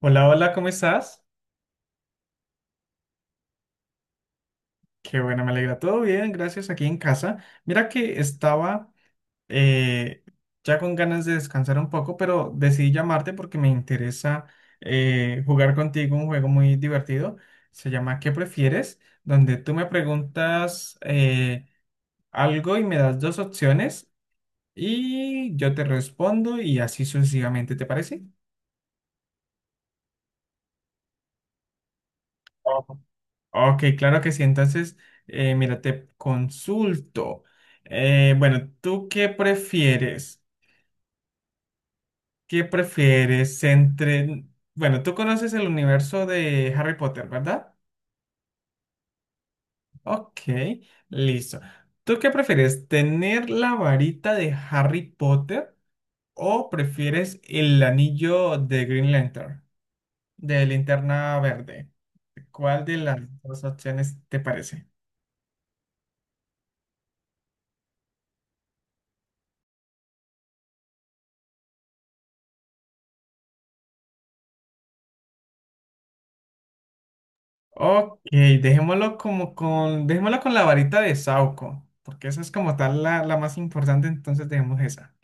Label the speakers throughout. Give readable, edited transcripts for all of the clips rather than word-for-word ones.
Speaker 1: Hola, hola, ¿cómo estás? Qué bueno, me alegra. Todo bien, gracias, aquí en casa. Mira que estaba eh, ya con ganas de descansar un poco, pero decidí llamarte porque me interesa jugar contigo un juego muy divertido. Se llama ¿Qué prefieres? Donde tú me preguntas algo y me das dos opciones y yo te respondo y así sucesivamente, ¿te parece? Ok, claro que sí. Entonces, mira, te consulto. Bueno, ¿tú qué prefieres? ¿Qué prefieres entre... Bueno, tú conoces el universo de Harry Potter, ¿verdad? Ok, listo. ¿Tú qué prefieres? ¿Tener la varita de Harry Potter o prefieres el anillo de Green Lantern, de Linterna Verde? ¿Cuál de las dos opciones te parece? Ok, dejémoslo con la varita de Sauco, porque esa es como tal la más importante, entonces dejemos esa.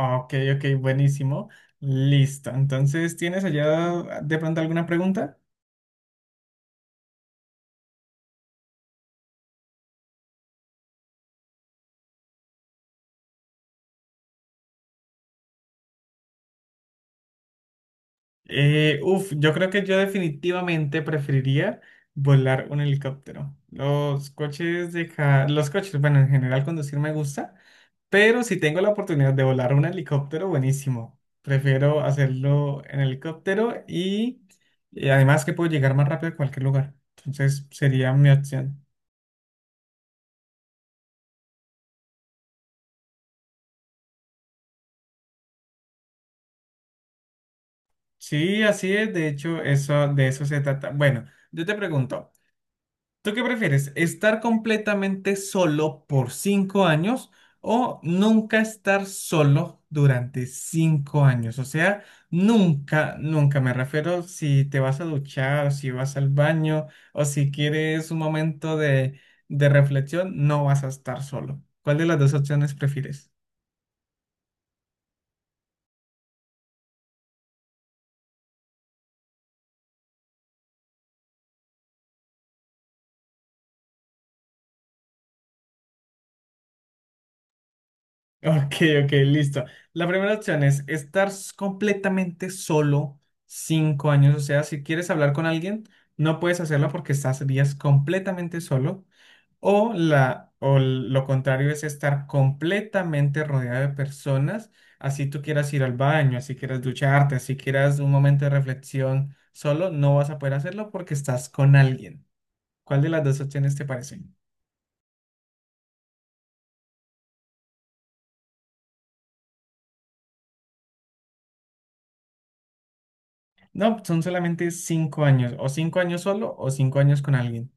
Speaker 1: Ok, ok, buenísimo. Listo. Entonces, ¿tienes allá de pronto alguna pregunta? Uf, yo creo que yo definitivamente preferiría volar un helicóptero. Los coches, bueno, en general conducir me gusta, pero si tengo la oportunidad de volar un helicóptero, buenísimo. Prefiero hacerlo en helicóptero y además que puedo llegar más rápido a cualquier lugar. Entonces sería mi opción. Sí, así es. De hecho, eso, de eso se trata. Bueno, yo te pregunto. ¿Tú qué prefieres? ¿Estar completamente solo por 5 años o nunca estar solo durante 5 años? O sea, nunca, nunca me refiero si te vas a duchar, si vas al baño o si quieres un momento de reflexión, no vas a estar solo. ¿Cuál de las dos opciones prefieres? Ok, ok, listo. La primera opción es completamente solo 5 años. O sea, si quieres hablar con alguien, no puedes hacerlo porque estás días completamente solo. O, la, o l- Lo contrario es estar completamente rodeado de personas, así tú quieras ir al baño, así quieras ducharte, así quieras un momento de reflexión solo, no vas a poder hacerlo porque estás con alguien. ¿Cuál de las dos opciones te parece? No, son solamente 5 años, o 5 años solo o cinco años con alguien.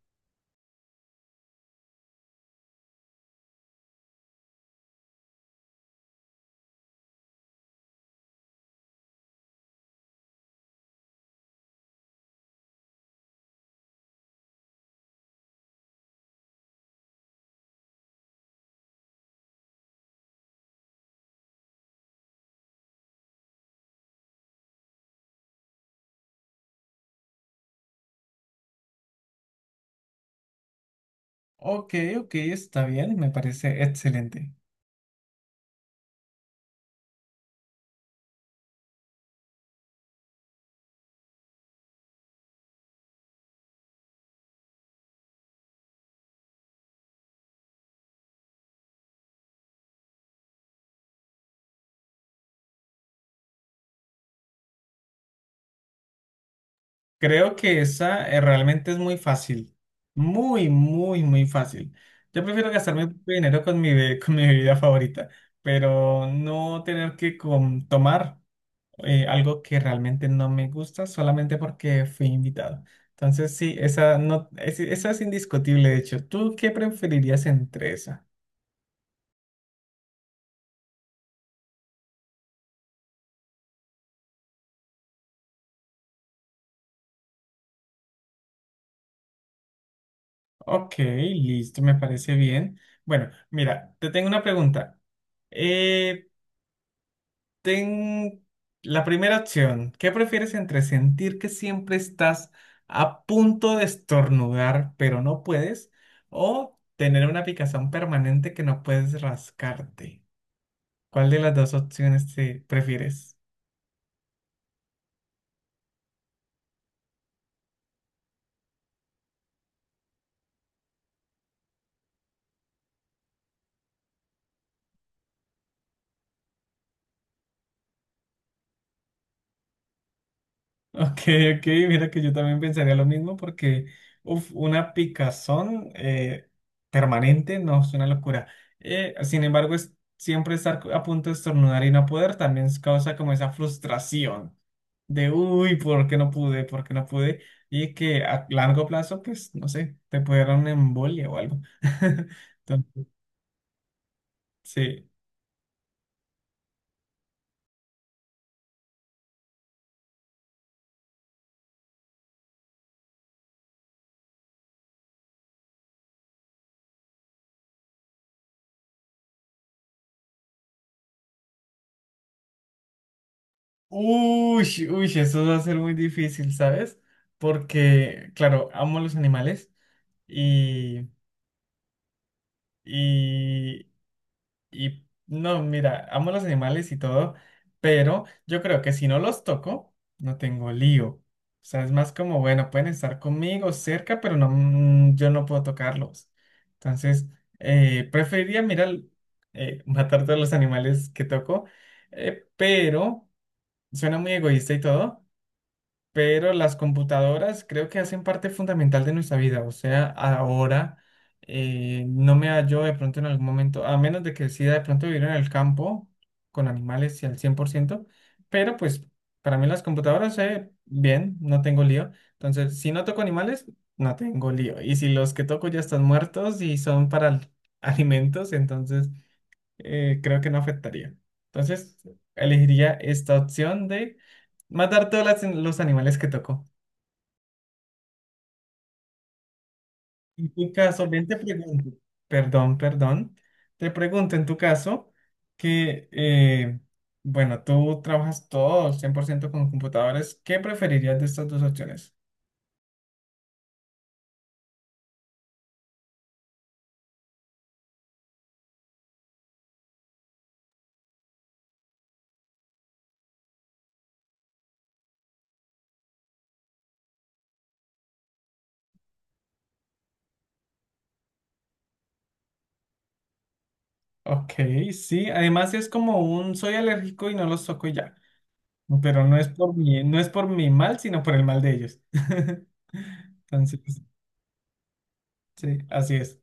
Speaker 1: Ok, ok, está bien, me parece excelente. Creo que esa realmente es muy fácil. Muy, muy, muy fácil. Yo prefiero gastarme mi propio dinero con con mi bebida favorita, pero no tener que tomar algo que realmente no me gusta solamente porque fui invitado. Entonces, sí, esa, no, esa es indiscutible, de hecho. ¿Tú qué preferirías entre esa? Ok, listo, me parece bien. Bueno, mira, te tengo una pregunta. Eh, Ten la primera opción. ¿Qué prefieres entre sentir que siempre estás a punto de estornudar, pero no puedes, o tener una picazón permanente que no puedes rascarte? ¿Cuál de las dos opciones te prefieres? Ok, ok, mira que yo también pensaría lo mismo porque uf, una picazón permanente no es una locura. Sin embargo, siempre estar a punto de estornudar y no poder también causa como esa frustración de, uy, ¿por qué no pude? ¿Por qué no pude? Y que a largo plazo, pues, no sé, te puede dar una embolia o algo. Entonces, sí. Uy, uy, eso va a ser muy difícil, ¿sabes? Porque, claro, amo los animales y, y, no, mira, amo los animales y todo, pero yo creo que si no los toco, no tengo lío. O sea, es más como, bueno, pueden estar conmigo cerca, pero no, yo no puedo tocarlos. Entonces, preferiría, mira, matar todos los animales que toco, pero suena muy egoísta y todo. Pero las computadoras creo que hacen parte fundamental de nuestra vida. O sea, ahora no me hallo de pronto en algún momento, a menos de que decida de pronto vivir en el campo con animales y al 100%, pero pues para mí las computadoras, bien, no tengo lío. Entonces, si no toco animales, no tengo lío. Y si los que toco ya están muertos y son para alimentos, entonces creo que no afectaría. Entonces, elegiría esta opción de matar los animales que tocó. En tu caso, ven, te pregunto, perdón, perdón, te pregunto en tu caso que, bueno, tú trabajas todo 100% con computadores, ¿qué preferirías de estas dos opciones? Ok, sí, además es como un soy alérgico y no los toco y ya, pero no es por mi, no es por mi mal, sino por el mal de ellos. Entonces, sí, así es.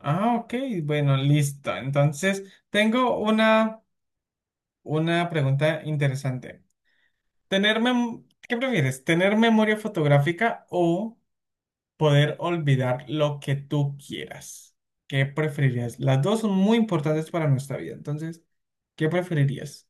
Speaker 1: Ah, ok, bueno, listo. Entonces, tengo una pregunta interesante. ¿Qué prefieres? ¿Tener memoria fotográfica o poder olvidar lo que tú quieras? ¿Qué preferirías? Las dos son muy importantes para nuestra vida. Entonces, ¿qué preferirías?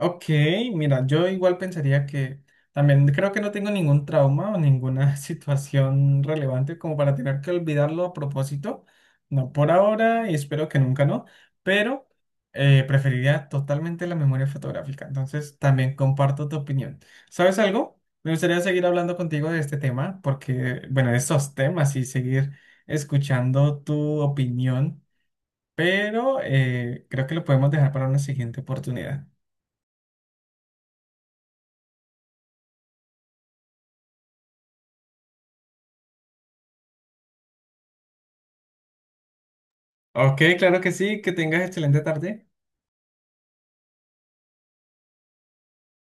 Speaker 1: Ok, mira, yo igual pensaría que también creo que no tengo ningún trauma o ninguna situación relevante como para tener que olvidarlo a propósito. No por ahora y espero que nunca no, pero preferiría totalmente la memoria fotográfica. Entonces también comparto tu opinión. ¿Sabes algo? Me gustaría seguir hablando contigo de este tema porque, bueno, de estos temas y seguir escuchando tu opinión, pero creo que lo podemos dejar para una siguiente oportunidad. Ok, claro que sí, que tengas excelente tarde.